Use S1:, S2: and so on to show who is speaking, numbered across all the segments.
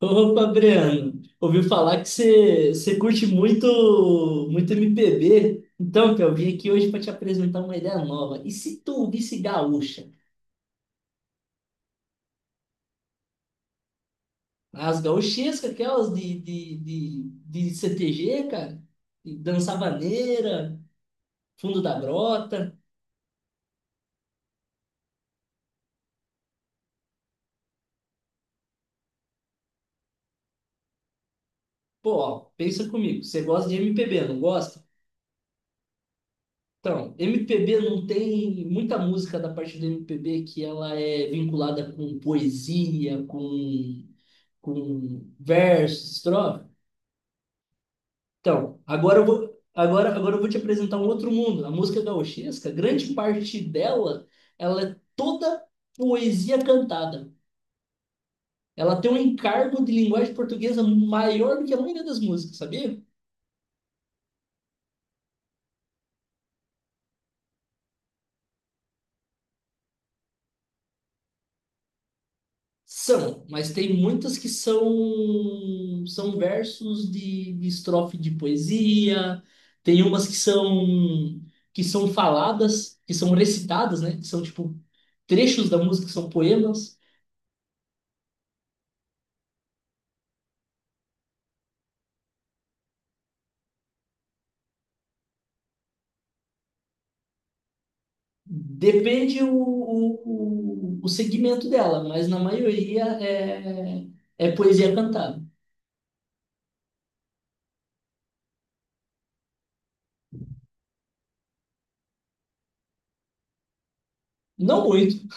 S1: Opa, Breno, ouvi falar que você curte muito muito MPB. Então, que eu vim aqui hoje para te apresentar uma ideia nova. E se tu ouvisse gaúcha? As gaúchescas, aquelas de CTG, cara, e Dança Vaneira, Fundo da Grota. Pô, ó, pensa comigo, você gosta de MPB, não gosta? Então, MPB não tem muita música da parte do MPB que ela é vinculada com poesia, com versos, estrofe. Então, agora eu vou te apresentar um outro mundo. A música gauchesca, grande parte dela, ela é toda poesia cantada. Ela tem um encargo de linguagem portuguesa maior do que a maioria das músicas, sabia? São, mas tem muitas que são versos de estrofe de poesia, tem umas que são faladas, que são recitadas, né? Que são tipo trechos da música, que são poemas. Depende o segmento dela, mas na maioria é poesia cantada. Não muito.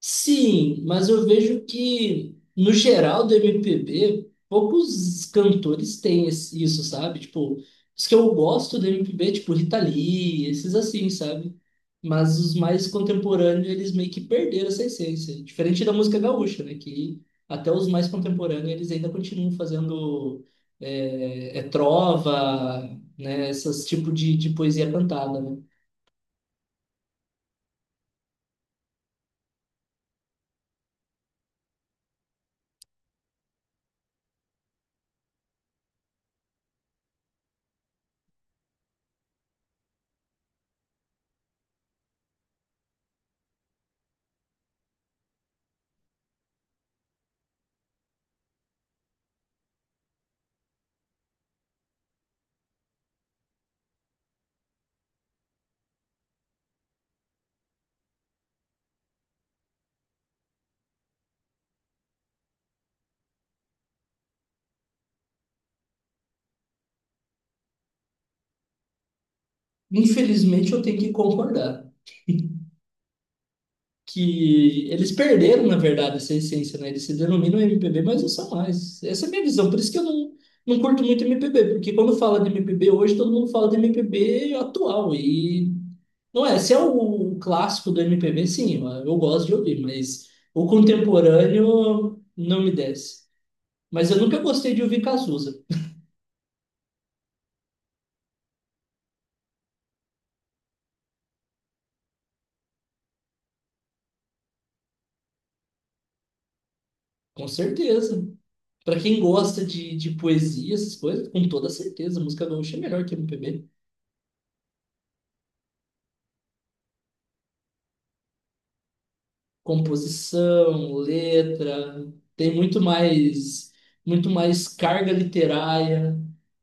S1: Sim, mas eu vejo que, no geral do MPB, poucos cantores têm isso, sabe? Tipo, os que eu gosto do MPB, tipo Rita Lee, esses assim, sabe? Mas os mais contemporâneos, eles meio que perderam essa essência. Diferente da música gaúcha, né? Que até os mais contemporâneos, eles ainda continuam fazendo trova, né? Esses tipos de poesia cantada, né? Infelizmente, eu tenho que concordar. Que eles perderam, na verdade, essa essência, né? Eles se denominam MPB, mas não são mais. Essa é a minha visão. Por isso que eu não curto muito MPB, porque quando fala de MPB hoje, todo mundo fala de MPB atual. E não é, se é o clássico do MPB, sim, eu gosto de ouvir, mas o contemporâneo não me desce. Mas eu nunca gostei de ouvir Cazuza. Com certeza. Para quem gosta de poesia, essas coisas, com toda certeza, música gaúcha é melhor que MPB. Composição, letra, tem muito mais carga literária.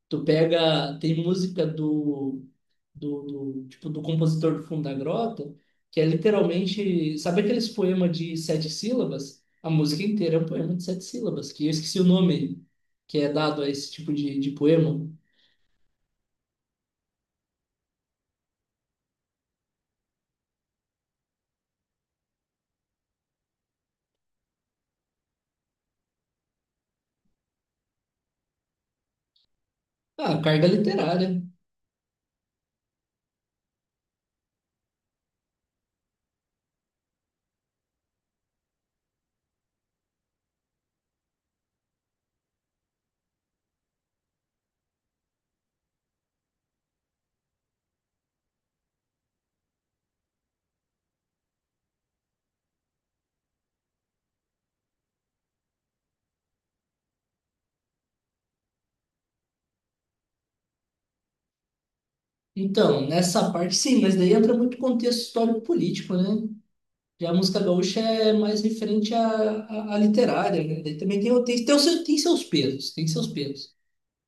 S1: Tu pega, tem música do, do tipo do compositor do Fundo da Grota, que é literalmente, sabe aqueles poemas de sete sílabas? A música inteira é um poema de sete sílabas, que eu esqueci o nome que é dado a esse tipo de poema. Ah, carga literária. Então, nessa parte, sim, mas daí entra muito contexto histórico-político, né? Já a música gaúcha é mais referente à literária, né? Daí também tem seus pesos, tem seus pesos.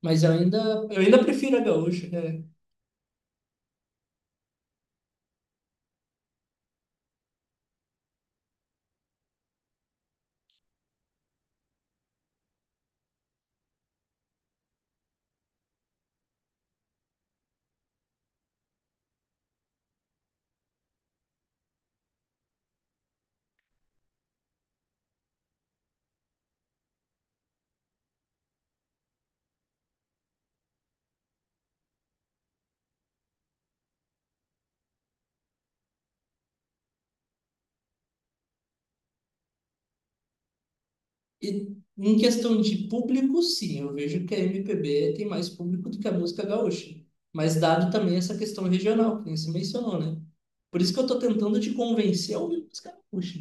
S1: Mas eu ainda prefiro a gaúcha, né? E em questão de público, sim, eu vejo que a MPB tem mais público do que a música gaúcha. Mas dado também essa questão regional, que nem você mencionou, né? Por isso que eu tô tentando te convencer a ouvir música gaúcha.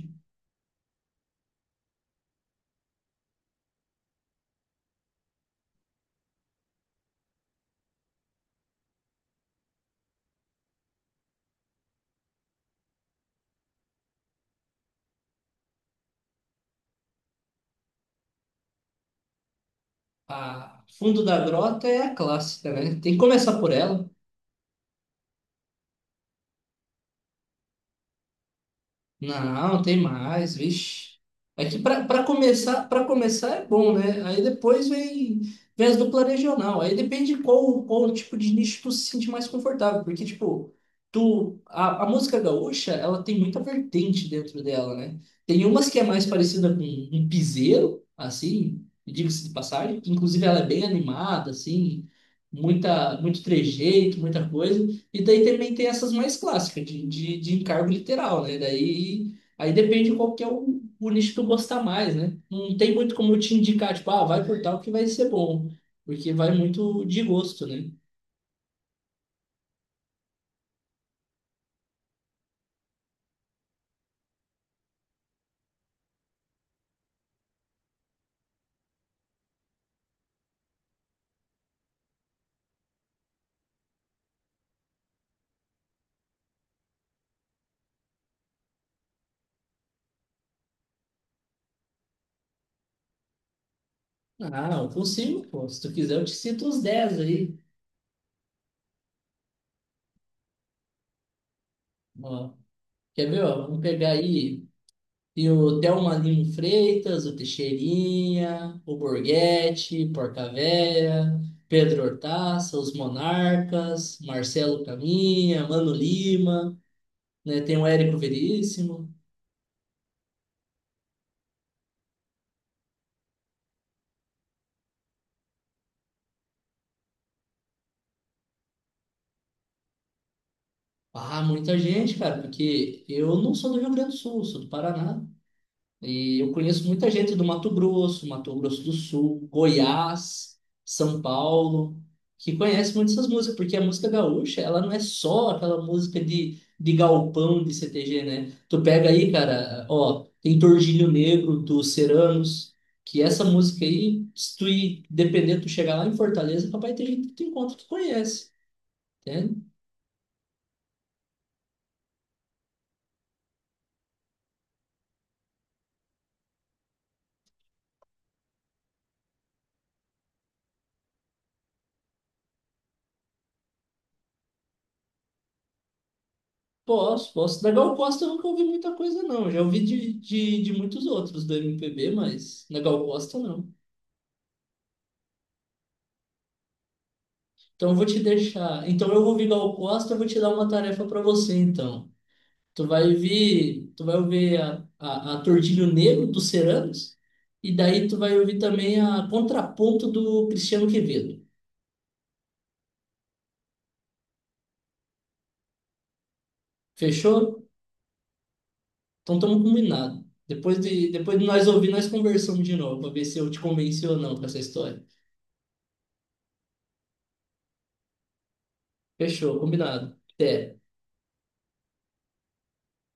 S1: A Fundo da Grota é a clássica, né? Tem que começar por ela. Não, tem mais, vixe. É que para começar, para começar é bom, né? Aí depois vem as dupla regional. Aí depende de qual tipo de nicho tu se sente mais confortável, porque tipo, a música gaúcha, ela tem muita vertente dentro dela, né? Tem umas que é mais parecida com um piseiro, assim, diga-se de passagem, inclusive ela é bem animada, assim, muita muito trejeito, muita coisa. E daí também tem essas mais clássicas, de encargo literal, né? Daí aí depende qual que é o nicho que tu gostar mais, né? Não tem muito como eu te indicar, tipo, ah, vai por tal que vai ser bom, porque vai muito de gosto, né? Ah, eu consigo, pô. Se tu quiser, eu te cito uns 10 aí. Ó, quer ver, ó? Vamos pegar aí. E o Thelma Lima Freitas, o Teixeirinha, o Borghetti, Porcavéia, Pedro Hortaça, os Monarcas, Marcelo Caminha, Mano Lima, né? Tem o Érico Veríssimo. Ah, muita gente, cara, porque eu não sou do Rio Grande do Sul, sou do Paraná. E eu conheço muita gente do Mato Grosso, Mato Grosso do Sul, Goiás, São Paulo, que conhece muito essas músicas, porque a música gaúcha, ela não é só aquela música de galpão de CTG, né? Tu pega aí, cara, ó, tem Tordilho Negro dos Ceranos, que essa música aí, se tu ir, dependendo, tu chegar lá em Fortaleza, papai, tem gente que tu encontra que conhece, né? Posso, posso. Legal Costa eu nunca ouvi muita coisa, não. Já ouvi de muitos outros do MPB, mas Legal Costa não. Então eu vou te deixar. Então eu vou ouvir Gal Costa, eu vou te dar uma tarefa para você, então. Tu vai ouvir a Tordilho Negro dos Ceranos, e daí tu vai ouvir também a Contraponto do Cristiano Quevedo. Fechou? Então estamos combinados. Depois de nós ouvir, nós conversamos de novo, para ver se eu te convenci ou não com essa história. Fechou, combinado. Até.